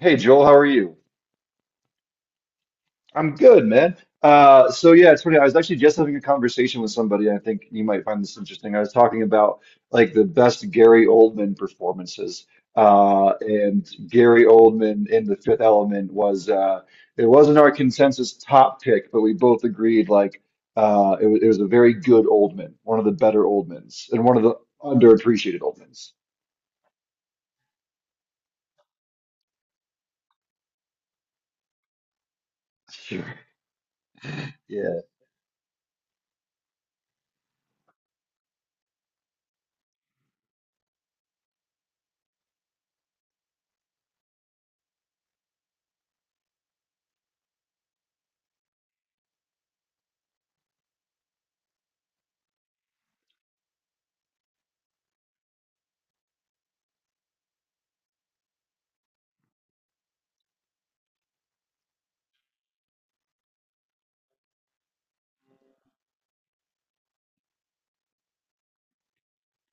Hey Joel, how are you? I'm good, man. So yeah, it's funny. I was actually just having a conversation with somebody. I think you might find this interesting. I was talking about like the best Gary Oldman performances, and Gary Oldman in The Fifth Element was it wasn't our consensus top pick, but we both agreed like it was a very good Oldman, one of the better Oldmans, and one of the underappreciated Oldmans. Sure. Yeah.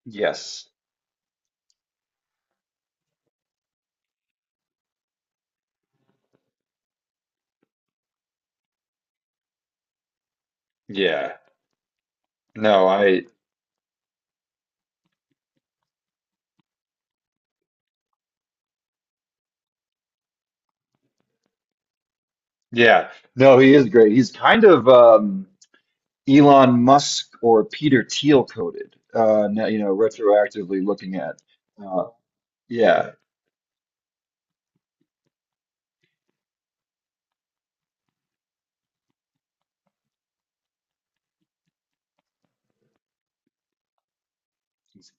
Yes. Yeah. No, I. Yeah, no, he is great. He's kind of Elon Musk or Peter Thiel coded. Now, you know, retroactively looking at, uh, yeah,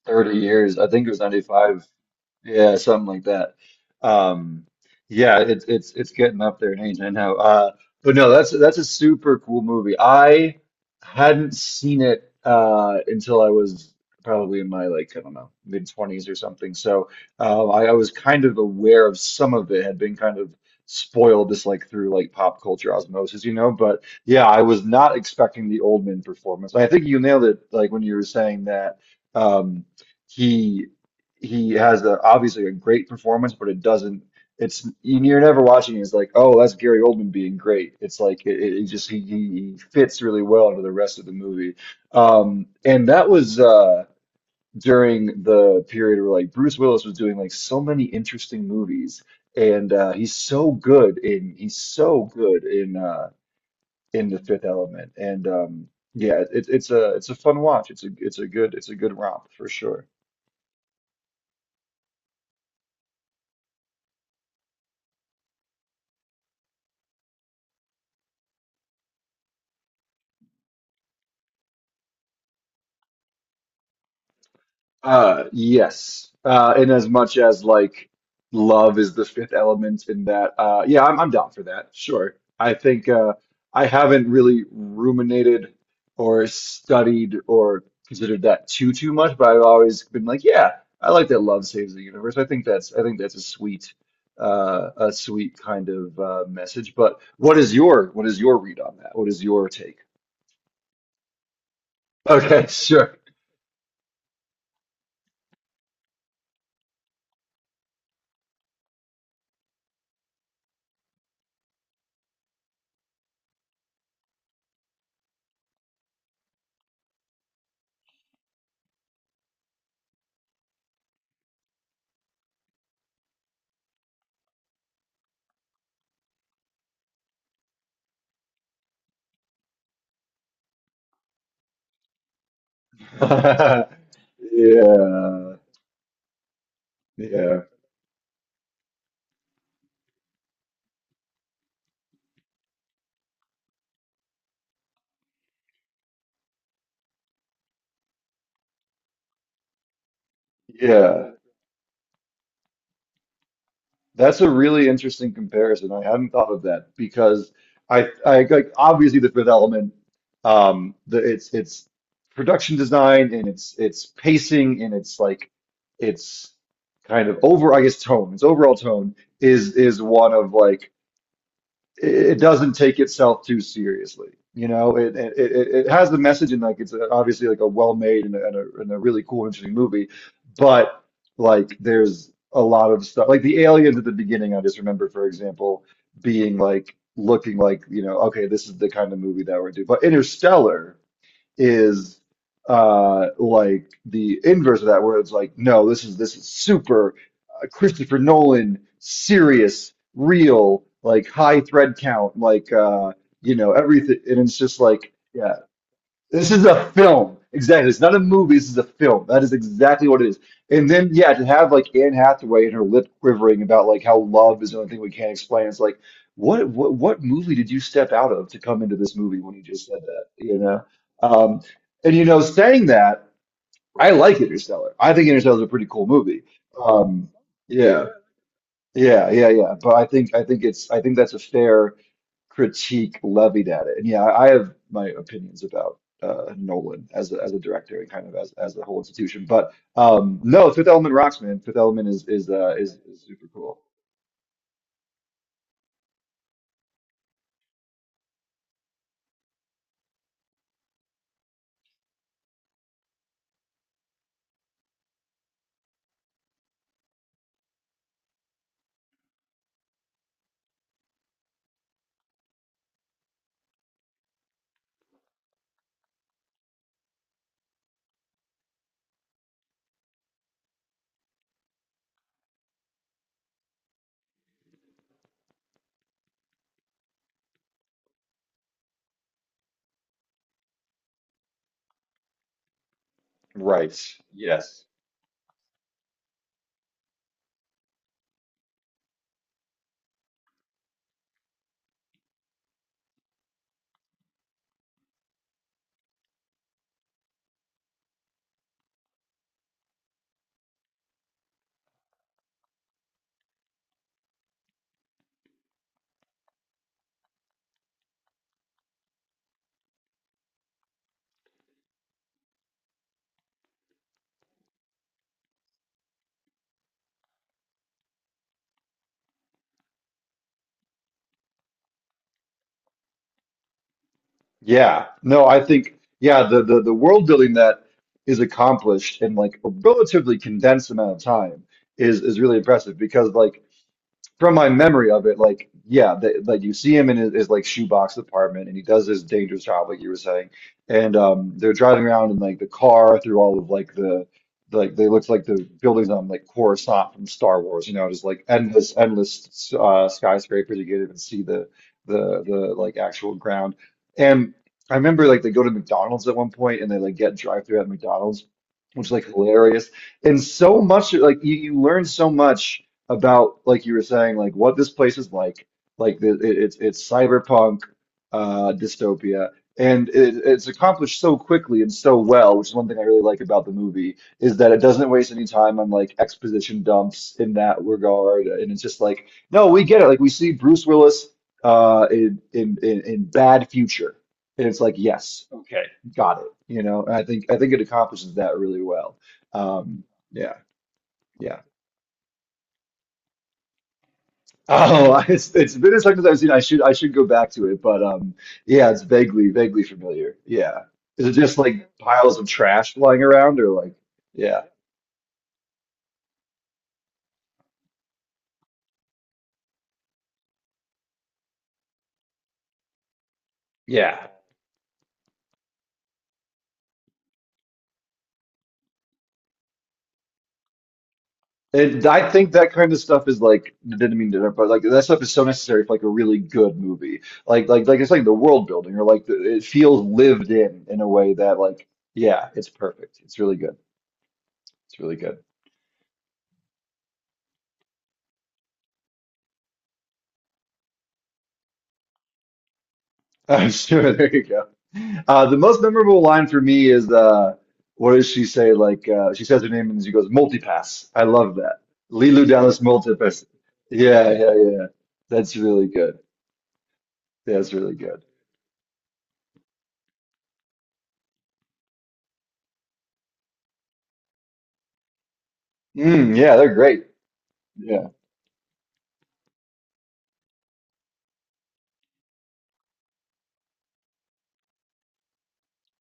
30 years. I think it was 95. Yeah, something like that. Um, yeah, it's getting up there in age, I know. But no, that's a super cool movie. I hadn't seen it until I was probably in my like I don't know mid twenties or something. So I was kind of aware of some of it had been kind of spoiled just like through like pop culture osmosis. But yeah, I was not expecting the Oldman performance. I think you nailed it, like when you were saying that. Um, he he has a, obviously a great performance, but it doesn't. It's you're never watching. It's like, oh, that's Gary Oldman being great. It's like it, just he fits really well into the rest of the movie. And that was during the period where like Bruce Willis was doing like so many interesting movies, and he's so good in The Fifth Element. And yeah, it's a fun watch. It's a good romp for sure. Yes. In as much as like love is the fifth element in that, yeah, I'm down for that. Sure. I think I haven't really ruminated or studied or considered that too much, but I've always been like, yeah, I like that love saves the universe. I think that's a sweet kind of message. But what is your read on that? What is your take? Okay, sure. Yeah. Yeah. Yeah, that's a really interesting comparison. I hadn't thought of that because I like obviously the Fifth Element, the it's production design and it's pacing and it's like it's kind of over, I guess, its overall tone is one of like it doesn't take itself too seriously. You know, it has the message and like it's obviously like a well-made and a really cool, interesting movie, but like there's a lot of stuff like the aliens at the beginning. I just remember, for example, being like looking like okay, this is the kind of movie that we're doing. But Interstellar is like the inverse of that where it's like no this is super Christopher Nolan serious real like high thread count like everything and it's just like yeah this is a film. Exactly. It's not a movie. This is a film. That is exactly what it is. And then, yeah, to have like Anne Hathaway and her lip quivering about like how love is the only thing we can't explain. It's like, what movie did you step out of to come into this movie when you just said that? You know? Um, and you know, saying that, I like Interstellar. I think Interstellar is a pretty cool movie. Um, yeah, yeah, yeah, yeah. But I think that's a fair critique levied at it. And yeah, I have my opinions about Nolan as a director and kind of as the whole institution. But no, Fifth Element rocks, man. Fifth Element is super cool. Right. Yes. Yeah. No, I think yeah, the world building that is accomplished in like a relatively condensed amount of time is really impressive because like from my memory of it, like yeah, they, like you see him in his like shoebox apartment, and he does this dangerous job, like you were saying. And they're driving around in like the car through all of like the like they looked like the buildings on like Coruscant from Star Wars, you know, just like endless, endless skyscrapers. You can't even see the the like actual ground. And I remember like they go to McDonald's at one point, and they like get drive through at McDonald's, which is like hilarious. And so much like you learn so much about like you were saying like what this place is like the, it, it's cyberpunk dystopia and it's accomplished so quickly and so well which is one thing I really like about the movie is that it doesn't waste any time on like exposition dumps in that regard and it's just like no we get it like we see Bruce Willis in bad future and it's like yes got it you know and I think it accomplishes that really well um yeah yeah. Oh, it's been as long as I've seen. I should go back to it, but yeah, it's vaguely familiar. Yeah, is it just like piles of trash flying around, or like, yeah, yeah. And I think that kind of stuff is like didn't mean to, interrupt, but like that stuff is so necessary for like a really good movie. Like it's like the world building, or like the, it feels lived in a way that like yeah, it's perfect. It's really good. It's really good. Oh, sure. There you go. The most memorable line for me is what does she say? Like she says her name and she goes multipass. I love that. Lilu Dallas multipass. Yeah, yeah, yeah. That's really good. That's really good. Mm, yeah, they're great. Yeah.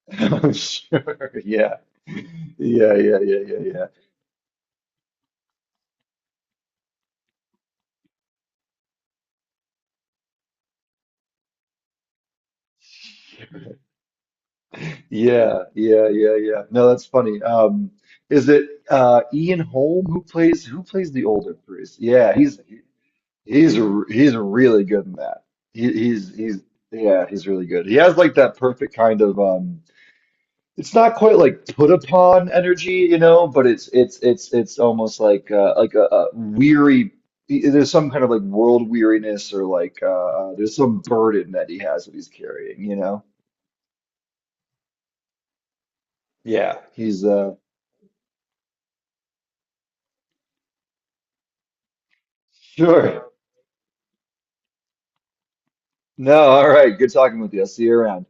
I'm sure. Yeah. Yeah, yeah, yeah, yeah, yeah. Yeah, yeah, yeah, yeah. No, that's funny. Is it Ian Holm who plays the older priest? Yeah, he's. He's really good in that. He's yeah, he's really good. He has like that perfect kind of it's not quite like put upon energy, you know, but it's almost like a weary there's some kind of like world weariness or like there's some burden that he has that he's carrying. Yeah, he's sure. No, all right. Good talking with you. I'll see you around.